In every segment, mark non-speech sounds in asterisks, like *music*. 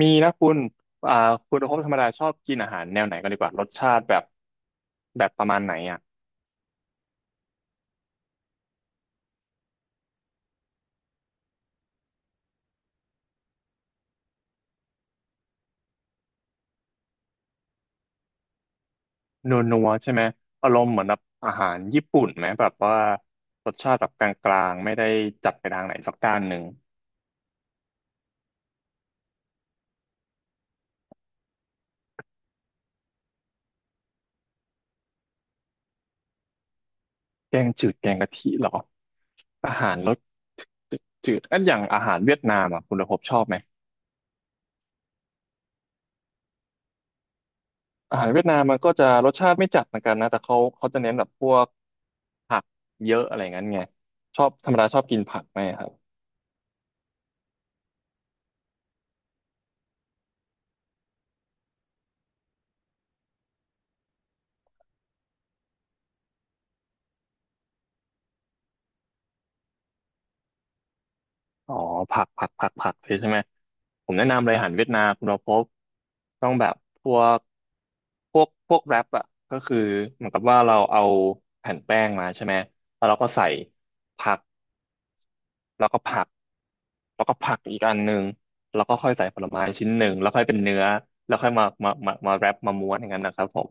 มีนะคุณอ่าคุณโอภพธรรมดาชอบกินอาหารแนวไหนกันดีกว่ารสชาติแบบประมาณไหนอ่ะนัวนัวใช่ไหมอารมณ์เหมือนแบบอาหารญี่ปุ่นไหมแบบว่ารสชาติแบบกลางๆไม่ได้จัดไปทางไหนสักด้านหนึ่งแกงจืดแกงกะทิเหรออาหารรสจืดๆอันอย่างอาหารเวียดนามอ่ะคุณโอภพชอบไหมอาหารเวียดนามมันก็จะรสชาติไม่จัดเหมือนกันนะแต่เขาจะเน้นแบบพวกผักเยอะอะไรงั้นไงชอบธรรมดาชอบกินผักไหมครับ อ๋อผักผักผักผักเลยใช่ไหมผมแนะนำเลยอาหารเวียดนามคุณเราพบต้องแบบพวกพวกแรปอ่ะก็คือเหมือนกับว่าเราเอาแผ่นแป้งมาใช่ไหมแล้วเราก็ใส่ผักแล้วก็ผักแล้วก็ผักอีกอันหนึ่งแล้วก็ค่อยใส่ผลไม้ชิ้นหนึ่งแล้วค่อยเป็นเนื้อแล้วค่อยมาแรปมาม้วนอย่างนั้นนะครับผม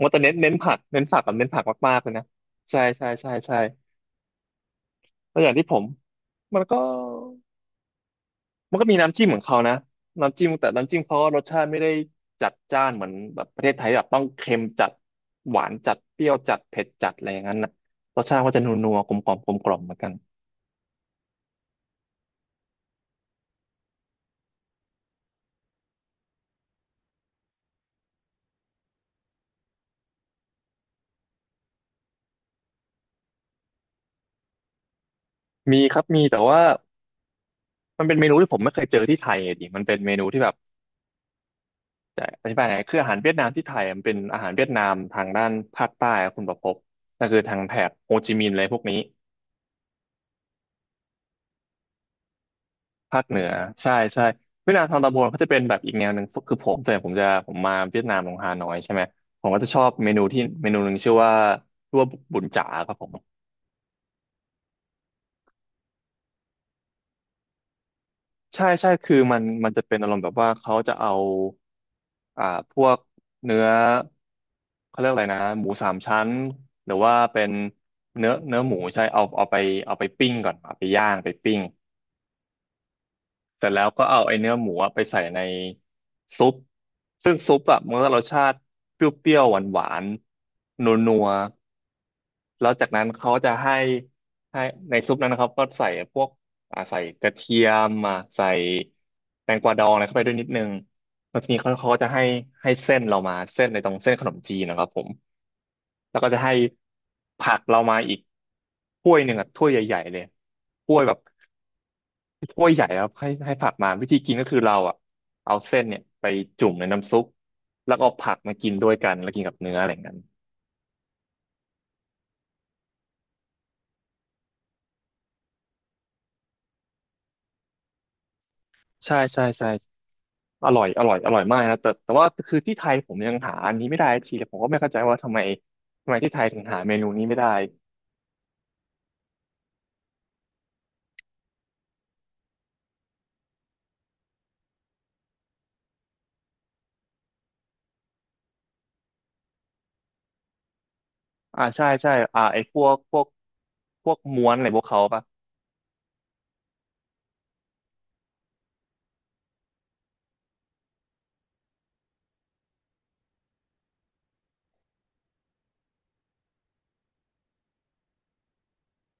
ว่าแต่เน้นผักเน้นผักกับเน้นผักมากๆเลยนะใช่ใช่ใช่ใช่แล้วอย่างที่ผมมันก็ มันก็มีน้ำจิ้มของเขานะน้ำจิ้มแต่น้ำจิ้มเขาก็รสชาติไม่ได้จัดจ้านเหมือนแบบประเทศไทยแบบต้องเค็มจัดหวานจัดเปรี้ยวจัดเผ็ดจัดอะไรอย่างนั้นนะรสชาติก็จะนัวๆกลมกล่อมกลมกล่อมเหมือนกันมีครับมีแต่ว่ามันเป็นเมนูที่ผมไม่เคยเจอที่ไทยอะดิมันเป็นเมนูที่แบบจะอธิบายไงคืออาหารเวียดนามที่ไทยอะมันเป็นอาหารเวียดนามทางด้านภาคใต้อะคุณประภพนั่นคือทางแถบโฮจิมินห์อะไรพวกนี้ ภาคเหนือใช่ใช่เวียดนามทางตะบนกาจะเป็นแบบอีกแนวหนึ่งคือผมแต่ผมจะผมมาเวียดนามลงฮานอยใช่ไหมผมก็จะชอบเมนูที่เมนูหนึ่งชื่อว่าตัวบุญจ๋าครับผมใช่ใช่คือมันจะเป็นอารมณ์แบบว่าเขาจะเอาอ่าพวกเนื้อเขาเรียกอะไรนะหมูสามชั้นหรือว่าเป็นเนื้อหมูใช่เอาไปปิ้งก่อนเอาไปย่างไปปิ้ง เสร็จแล้วก็เอาไอเนื้อหมูอะไปใส่ในซุปซึ่งซุปอะมันก็รสชาติเปรี้ยวๆหวานๆนัวๆแล้วจากนั้นเขาจะให้ให้ในซุปนั้นนะครับก็ใส่พวกใส่กระเทียมอ่ะใส่แตงกวาดองอะไรเข้าไปด้วยนิดนึงแล้วทีนี้เขาก็จะให้เส้นเรามาเส้นในตรงเส้นขนมจีนนะครับผมแล้วก็จะให้ผักเรามาอีกถ้วยหนึ่งอ่ะถ้วยใหญ่ๆเลยถ้วยแบบ ถ้วยใหญ่ครับให้ผักมาวิธีกินก็คือเราอ่ะเอาเส้นเนี่ยไปจุ่มในน้ำซุปแล้วก็เอาผักมากินด้วยกันแล้วกินกับเนื้ออะไรอย่างนั้นใช่ใช่ใช่อร่อยอร่อยอร่อยมากนะแต่แต่ว่าคือที่ไทยผมยังหาอันนี้ไม่ได้ทีเลยผมก็ไม่เข้าใจว่าทำไมทำไมที่ไทยถึงหาเมนูนี้ไม่ได้อ่าใช่ใช่ไอ้พวกม้วนอะไรพวกเขาปะ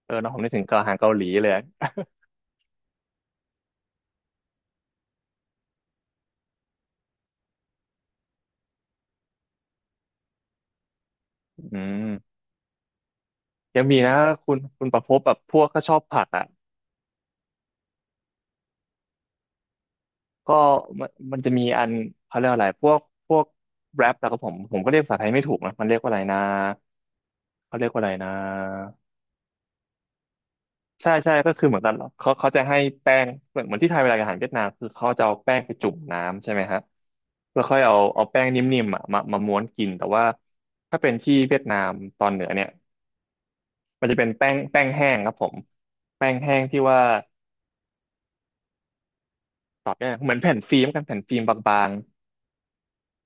เออเนอะผมนึกถึงอาหารเกาหลีเลยอืมยังมีนะคุณประพบแบบพวกก็ชอบผักอ่ะ ก็มันจะมีอันเขาเรียกอะไรพวกแรปแล่ก็ผมก็เรียกภาษาไทยไม่ถูกนะมันเรียกว่าอะไรนะเขาเรียกว่าอะไรนะใช่ใช่ก็คือเหมือนกันเขาจะให้แป้งเหมือนที่ไทยเวลาอาหารเวียดนามคือเขาจะเอาแป้งไปจุ่มน้ำใช่ไหมฮะแล้วค่อยเอาแป้งนิ่มๆอ่ะมาม้วนกินแต่ว่าถ้าเป็นที่เวียดนามตอนเหนือเนี่ยมันจะเป็นแป้งแห้งครับผมแป้งแห้งที่ว่าตอบได้เหมือนแผ่นฟิล์มกันแผ่นฟิล์มบาง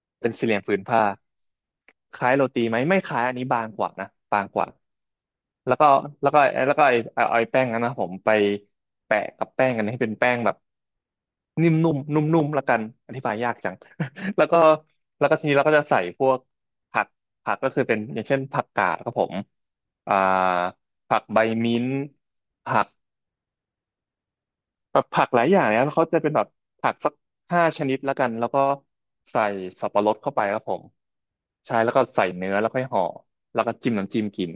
ๆเป็นสี่เหลี่ยมผืนผ้า คล้ายโรตีไหมไม่คล้ายอันนี้บางกว่านะบางกว่าแล้วก็แล้วก็แล้วก็ไอ้แป้งนั้นนะผมไปแปะกับแป้งกันให้เป็นแป้งแบบนิ่มนุ่มนุ่มนุ่มละกันอธิบายยากจัง *laughs* แล้วก็แล้วก็ทีนี้เราก็จะใส่พวกผักก็คือเป็นอย่างเช่นผักกาดครับผมอ่าผักใบมิ้นท์ผักแบบผักหลายอย่างนะแล้วเขาจะเป็นแบบผักสักห้าชนิดละกันแล้วก็ใส่สับปะรดเข้าไปครับผม ใช่แล้วก็ใส่เนื้อแล้วค่อยห่อแล้วก็จิ้มน้ำจิ้มกิน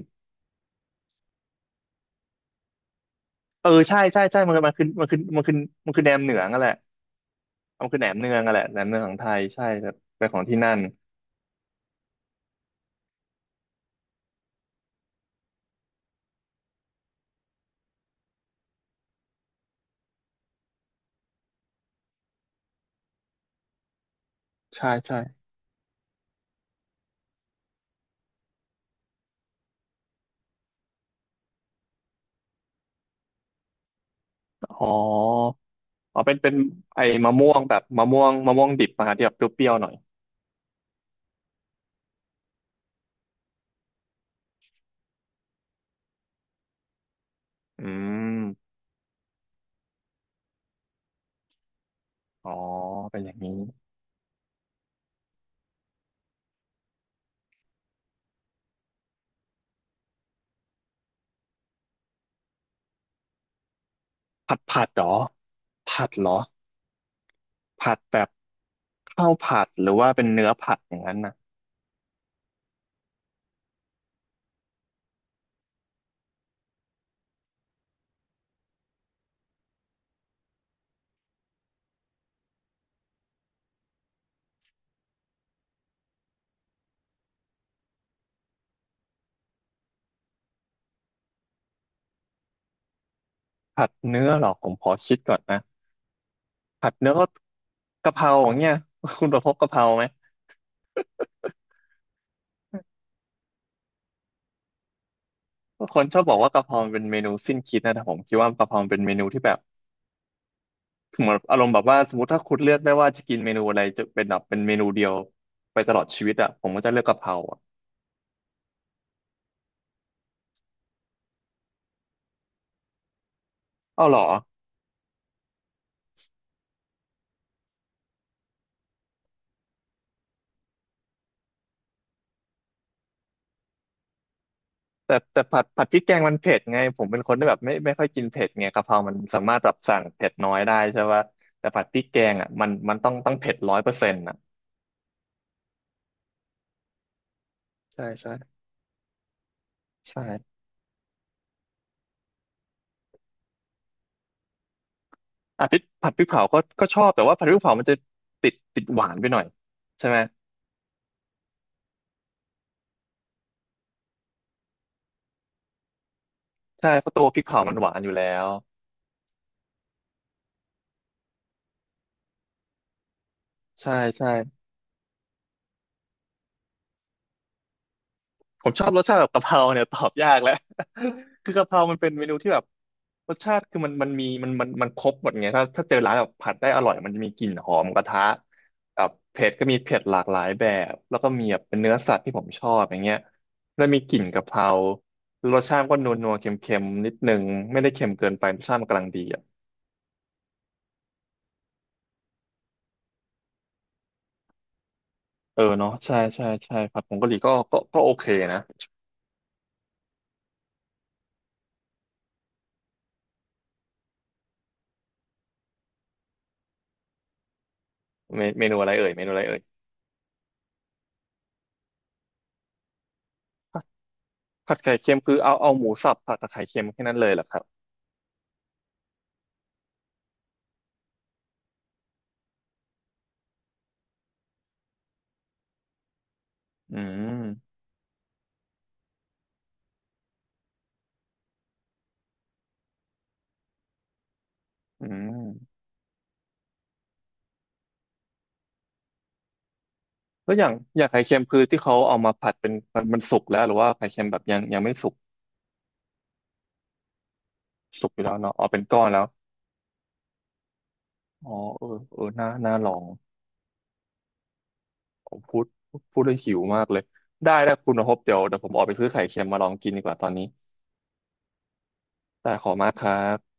เออใช่ใช่ใช่มันคือมันคือมันคือมันคือมันคือแหนมเหนืองอะแหละมันคือแหนมเนืองนั่ะแหละแหนมเนืองของไทยใช่แต่เปตนของที่นั่นใช่ใช่อ๋ออ๋อเป็นไอ้มะม่วงแบบมะม่วงดิบมาที่แบบเปรี้ยวๆหน่อยอืมอ๋อเป็นอย่างนี้ผัดเหรอผัดเหรอผัดแบบข้าวผัดหรือว่าเป็นเนื้อผัดอย่างนั้นนะผัดเนื้อเหรอผมขอคิดก่อนนะ ผัดเนื้อก็กะเพราอย่างเงี้ยคุณประพบกะเพราไหมคนชอบบอกว่ากะเพรามันเป็นเมนูสิ้นคิดนะแต่ผมคิดว่ากะเพรามันเป็นเมนูที่แบบเหมือนอารมณ์แบบว่าสมมติถ้าคุณเลือกได้ว่าจะกินเมนูอะไรจะเป็นแบบเป็นเมนูเดียวไปตลอดชีวิตอ่ะผมก็จะเลือกกะเพราอ่ะเอ้าเหรอแต่ผัดพริกแกงมันเผ็ดไงผมเป็นคนที่แบบไม่ค่อยกินเผ็ดไงกะเพรามันสามารถแบบสั่งเผ็ดน้อยได้ใช่ปะแต่ผัดพริกแกงอ่ะมันต้องเผ็ด100%อ่ะใช่ใช่ใช่ อ่ะพริกผัดพริกเผาก็ชอบแต่ว่าผัดพริกเผามันจะติดหวานไปหน่อยใช่ไหมใช่เพราะตัวพริกเผามันหวานอยู่แล้วใช่ใช่ผมชอบรสชาติแบบกะเพราเนี่ยตอบยากแล้ว *laughs* คือกะเพรามันเป็นเมนูที่แบบรสชาติคือมันมีมันครบหมดไงถ้าถ้าเจอร้านแบบผัดได้อร่อยมันจะมีกลิ่นหอมกระทะแบบเผ็ดก็มีเผ็ดหลากหลายแบบแล้วก็มีแบบเป็นเนื้อสัตว์ที่ผมชอบอย่างเงี้ยแล้วมีกลิ่นกะเพรารสชาติก็นัวนัวเค็มเค็มๆนิดนึงไม่ได้เค็มเกินไปรสชาติมันกำลังดี เออเนาะใช่ใช่ใช่ผัดผงกะหรี่ก็โอเคนะเมนูอะไรเอ่ยเมนูอะไรเอ่ยผัดผัดไข่เค็มคือเอาหมูสับผัดกับไข่เค็มแค่นั้นเลยเหรอครับอืมอืมแล้วอย่างไข่เค็มคือที่เขาเอามาผัดเป็นมันสุกแล้วหรือว่าไข่เค็มแบบยังไม่สุกสุกอยู่แล้วเนาะเอาเป็นก้อนแล้วอ๋อเออเออน่าลองผมพูดได้วหิวมากเลยได้ได้คุณพบเดี๋ยวผมออกไปซื้อไข่เค็มมาลองกินดีกว่าตอนนี้ได้ขอบคุณมากครับ